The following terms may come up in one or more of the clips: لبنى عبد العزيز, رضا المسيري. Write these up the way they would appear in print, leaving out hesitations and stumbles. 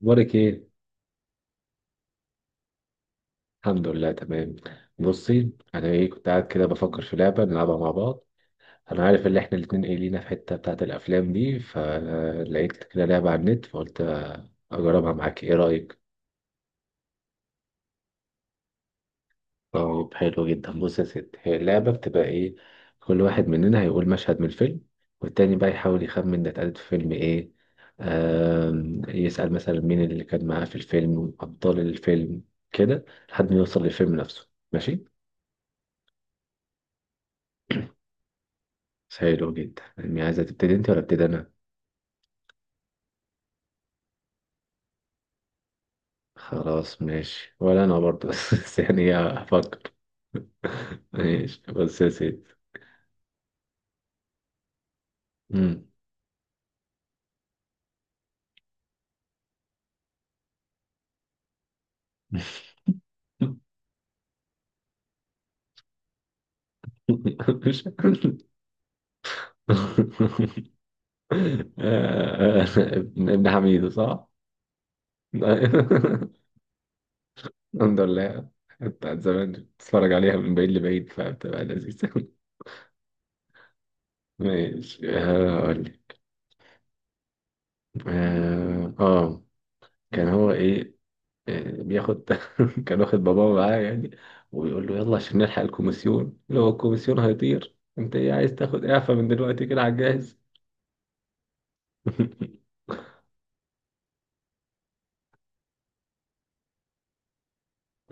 بارك ايه. الحمد لله تمام. بصي انا كنت قاعد كده بفكر في لعبه نلعبها مع بعض. انا عارف ان احنا الاتنين لينا في حته بتاعه الافلام دي، فلقيت كده لعبه على النت فقلت اجربها معاك. ايه رايك؟ طب حلو جدا. بص يا ست، هي اللعبه بتبقى ايه. كل واحد مننا هيقول مشهد من الفيلم، والتاني بقى يحاول يخمن ده اتقالت في فيلم ايه. يسأل مثلا مين اللي كان معاه في الفيلم وأبطال الفيلم، كده لحد ما يوصل للفيلم نفسه. ماشي؟ حلو جدا. يعني عايزة تبتدي انت ولا ابتدي انا؟ خلاص ماشي، ولا انا برضه بس يعني هفكر. ماشي بس يا سيدي. مم. مش آه، ابن حميد صح؟ الحمد لله. بتاعت زمان دي، بتتفرج عليها من بعيد لبعيد فبتبقى لذيذة. ماشي، اقول لك. اه، كان هو ايه، بياخد كان واخد باباه معاه يعني، وبيقول له يلا عشان نلحق الكوميسيون. لو الكوميسيون هيطير انت عايز تاخد اعفاء من دلوقتي كده على الجاهز.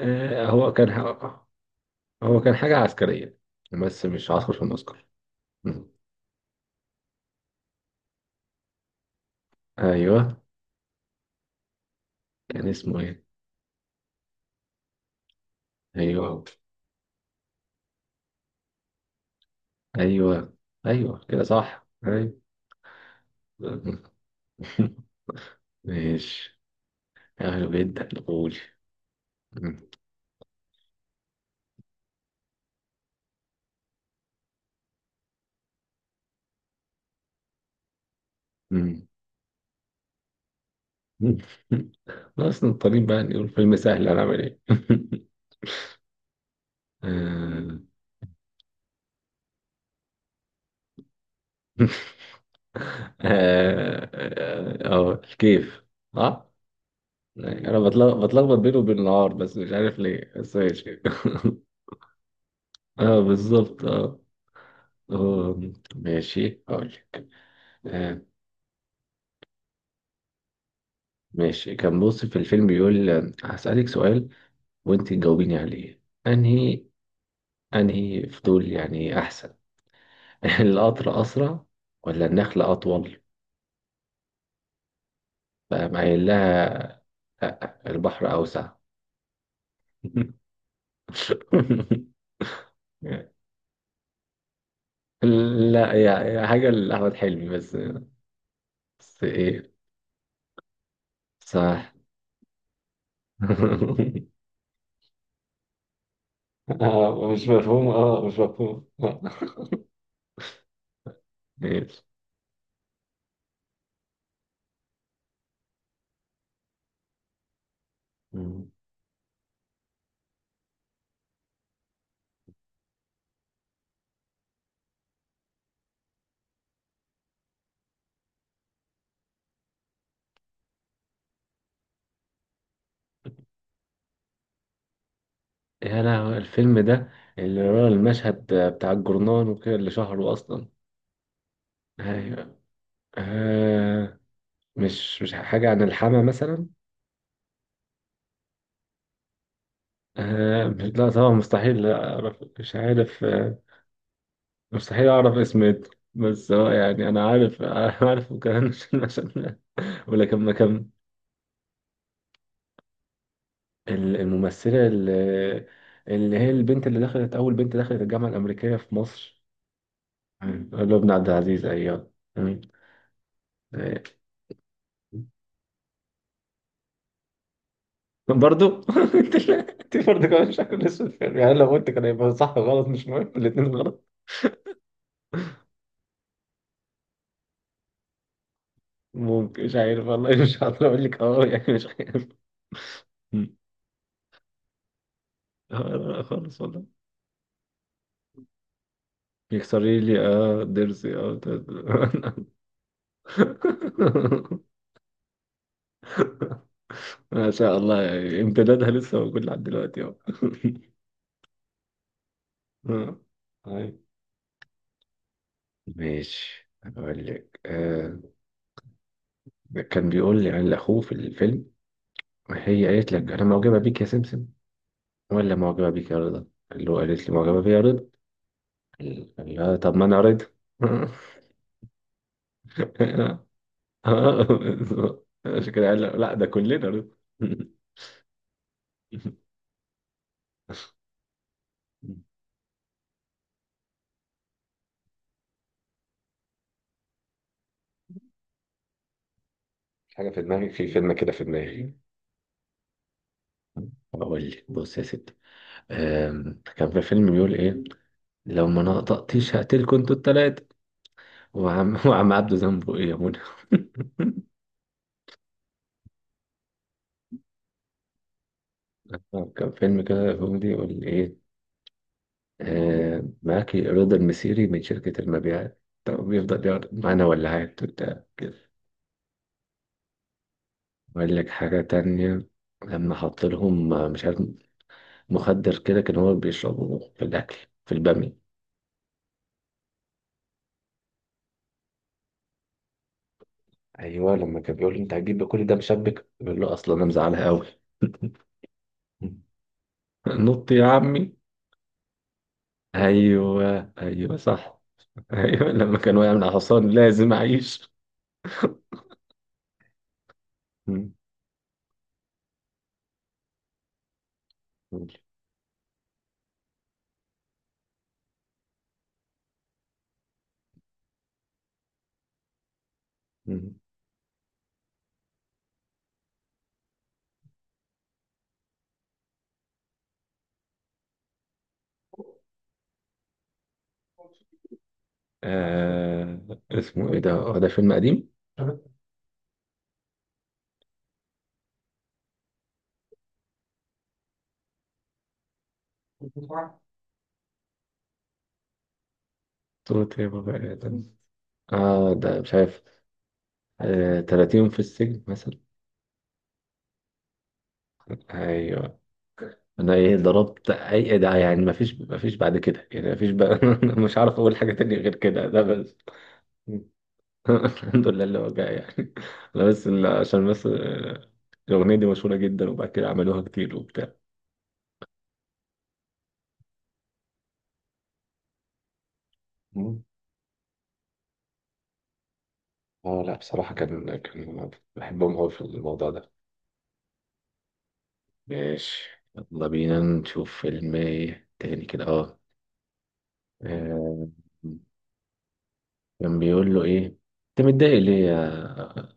هو كان هو كان حاجة عسكرية، بس مش عسكر في المعسكر. مم. ايوه. كان اسمه ايه؟ ايوه ايوه. ايوه كده صح، ايوه. مم. ماشي. حلو جدا، قول. مم. مم. خلاص نضطرين بقى نقول فيلم سهل، هنعمل ايه. آه. اه، الكيف. اه، انا بتلخبط بينه وبين النهار بس مش عارف ليه، بس ماشي. اه بالظبط، اه. آه، ماشي هقول لك. آه، ماشي. كان بص في الفيلم بيقول هسألك سؤال وانت تجاوبيني عليه. انهي انهي فضول يعني احسن، القطر اسرع ولا النخل اطول؟ فقام قايل لها، لا البحر اوسع. لا، يا حاجة لأحمد حلمي بس. بس إيه؟ صح. آه مش مفهوم، اه مش مفهوم، آه. ماشي. مم. يا لهوي، الفيلم ده اللي ورا المشهد بتاع الجرنان وكده اللي شهره أصلا؟ أيوه. آه. مش حاجة عن الحما مثلا؟ آه مش، لا طبعا مستحيل أعرف، مش عارف، آه. مستحيل أعرف اسمه. بس هو يعني أنا عارف عارف، كمان مش المشهد ده، ولكن ما كملتوش. الممثلة اللي، اللي هي البنت اللي دخلت، أول بنت دخلت الجامعة الأمريكية في مصر. مم. لبنى عبد العزيز، أيوه. مم. آه. برضو انت برضو كمان شكل اسود فيلم، يعني لو قلت كان هيبقى صح وغلط، مش مهم الاتنين غلط. ممكن، مش عارف والله، مش هقدر اقول لك، اه يعني مش عارف. مم. لا خالص والله. يكسري لي اه ضرسي اه. ما شاء الله، يعني امتدادها لسه موجود لحد دلوقتي اهو. آه. أيوة. ماشي أقول لك، آه. كان بيقول لي عن أخوه في الفيلم، هي قالت لك أنا معجبة بيك يا سمسم ولا معجبة بيك يا رضا. اللي هو قالت لي معجبة بيا يا رضا، قال لها طب ما أنا رضا. اه بالظبط. عشان كده قال له، لا ده كلنا رضا. حاجة في دماغي، في فيلم كده في دماغي. أقول لك، بص يا ستي، كان في فيلم بيقول إيه، لو ما نطقتيش هقتلكوا أنتوا التلاتة. وعم وعم عبده ذنبه ايه يا منى. كان فيلم كده كوميدي يقول ايه، آه معاكي رضا المسيري من شركة المبيعات. طب بيفضل يقعد معانا ولاعات وبتاع كده. وقال لك حاجة تانية، لما حط لهم مش عارف، مخدر كده كان هو بيشربه في الأكل، في البامي. أيوة. لما كان بيقول له أنت هتجيب كل ده مشبك، بيقول له أصلا أنا مزعلها أوي. نط يا عمي. أيوة أيوة صح. أيوة لما كان واقع من على الحصان، لازم أعيش. قول. مم. آه، اسمه ايه ده؟ اه ده فيلم قديم؟ صوت يا بابا آدم. اه ده مش عارف، آه 30 يوم في السجن مثلا. ايوه. انا ضربت اي، إيه ده يعني، ما فيش بعد كده يعني ما فيش بقى. مش عارف اقول حاجه تانية غير كده، ده بس. الحمد لله، اللي هو جاي يعني. انا بس عشان بس، الاغنيه دي مشهوره جدا، وبعد كده عملوها كتير وبتاع. مم. اه لا بصراحه، كان بحبهم قوي في الموضوع ده. ماشي. يلا بينا نشوف فيلم ايه تاني، كده اه. آه، كان بيقول له ايه، انت متضايق ليه يا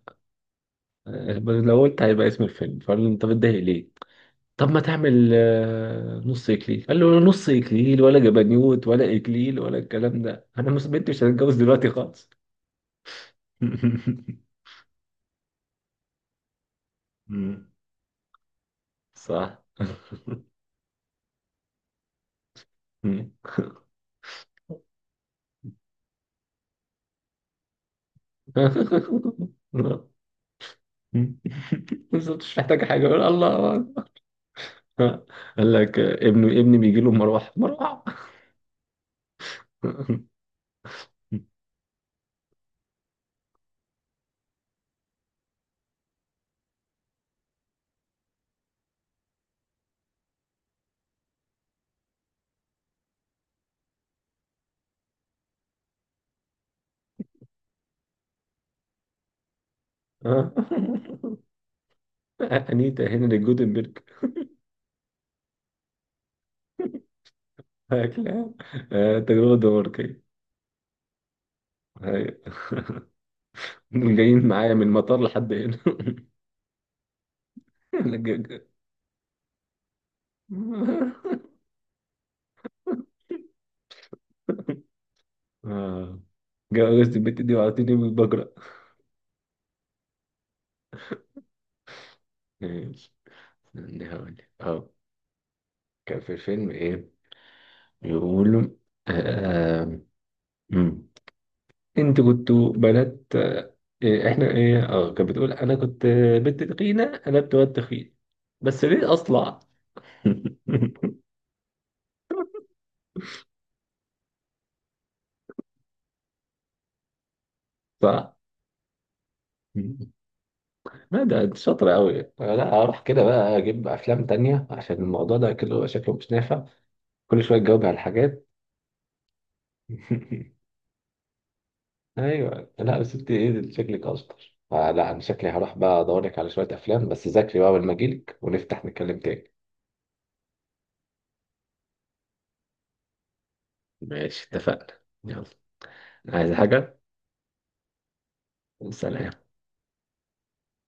آه، لو قلت هيبقى اسم الفيلم. فقال له انت متضايق ليه، طب ما تعمل نص اكليل، قال له نص اكليل ولا جبنيوت ولا اكليل، ولا الكلام ده انا بنتي مش هتتجوز دلوقتي خالص. مم. صح. مم. بالظبط، مش محتاجة حاجة، يقول الله. قال لك ابنه ابني بيجي له، مروحه مروحه. انيتا هنري جوتنبرج، هاكلها. تجربه دنماركيه. أيوة. دول جايين معايا من المطار لحد هنا. ج- ج- آه. جوزت البت دي وعطيتني بالبجرة. ماشي. استنى هقول لك. اه، كان في الفيلم ايه، يقولوا آه. انت كنتوا بنات، إيه، احنا ايه، اه كانت بتقول انا كنت بنت تخينه، انا بنت واد تخين، بس ليه اصلع. صح. لا ده انت شاطره قوي. لا اروح كده بقى اجيب افلام تانية، عشان الموضوع ده كله شكله مش نافع، كل شويه تجاوبي على الحاجات. ايوه لا بس انت ايه ده، شكلك اشطر، فلا انا شكلي هروح بقى ادور لك على شويه افلام، بس ذاكري بقى لما اجيلك ونفتح نتكلم تاني. ماشي اتفقنا. يلا. عايز حاجه. سلام.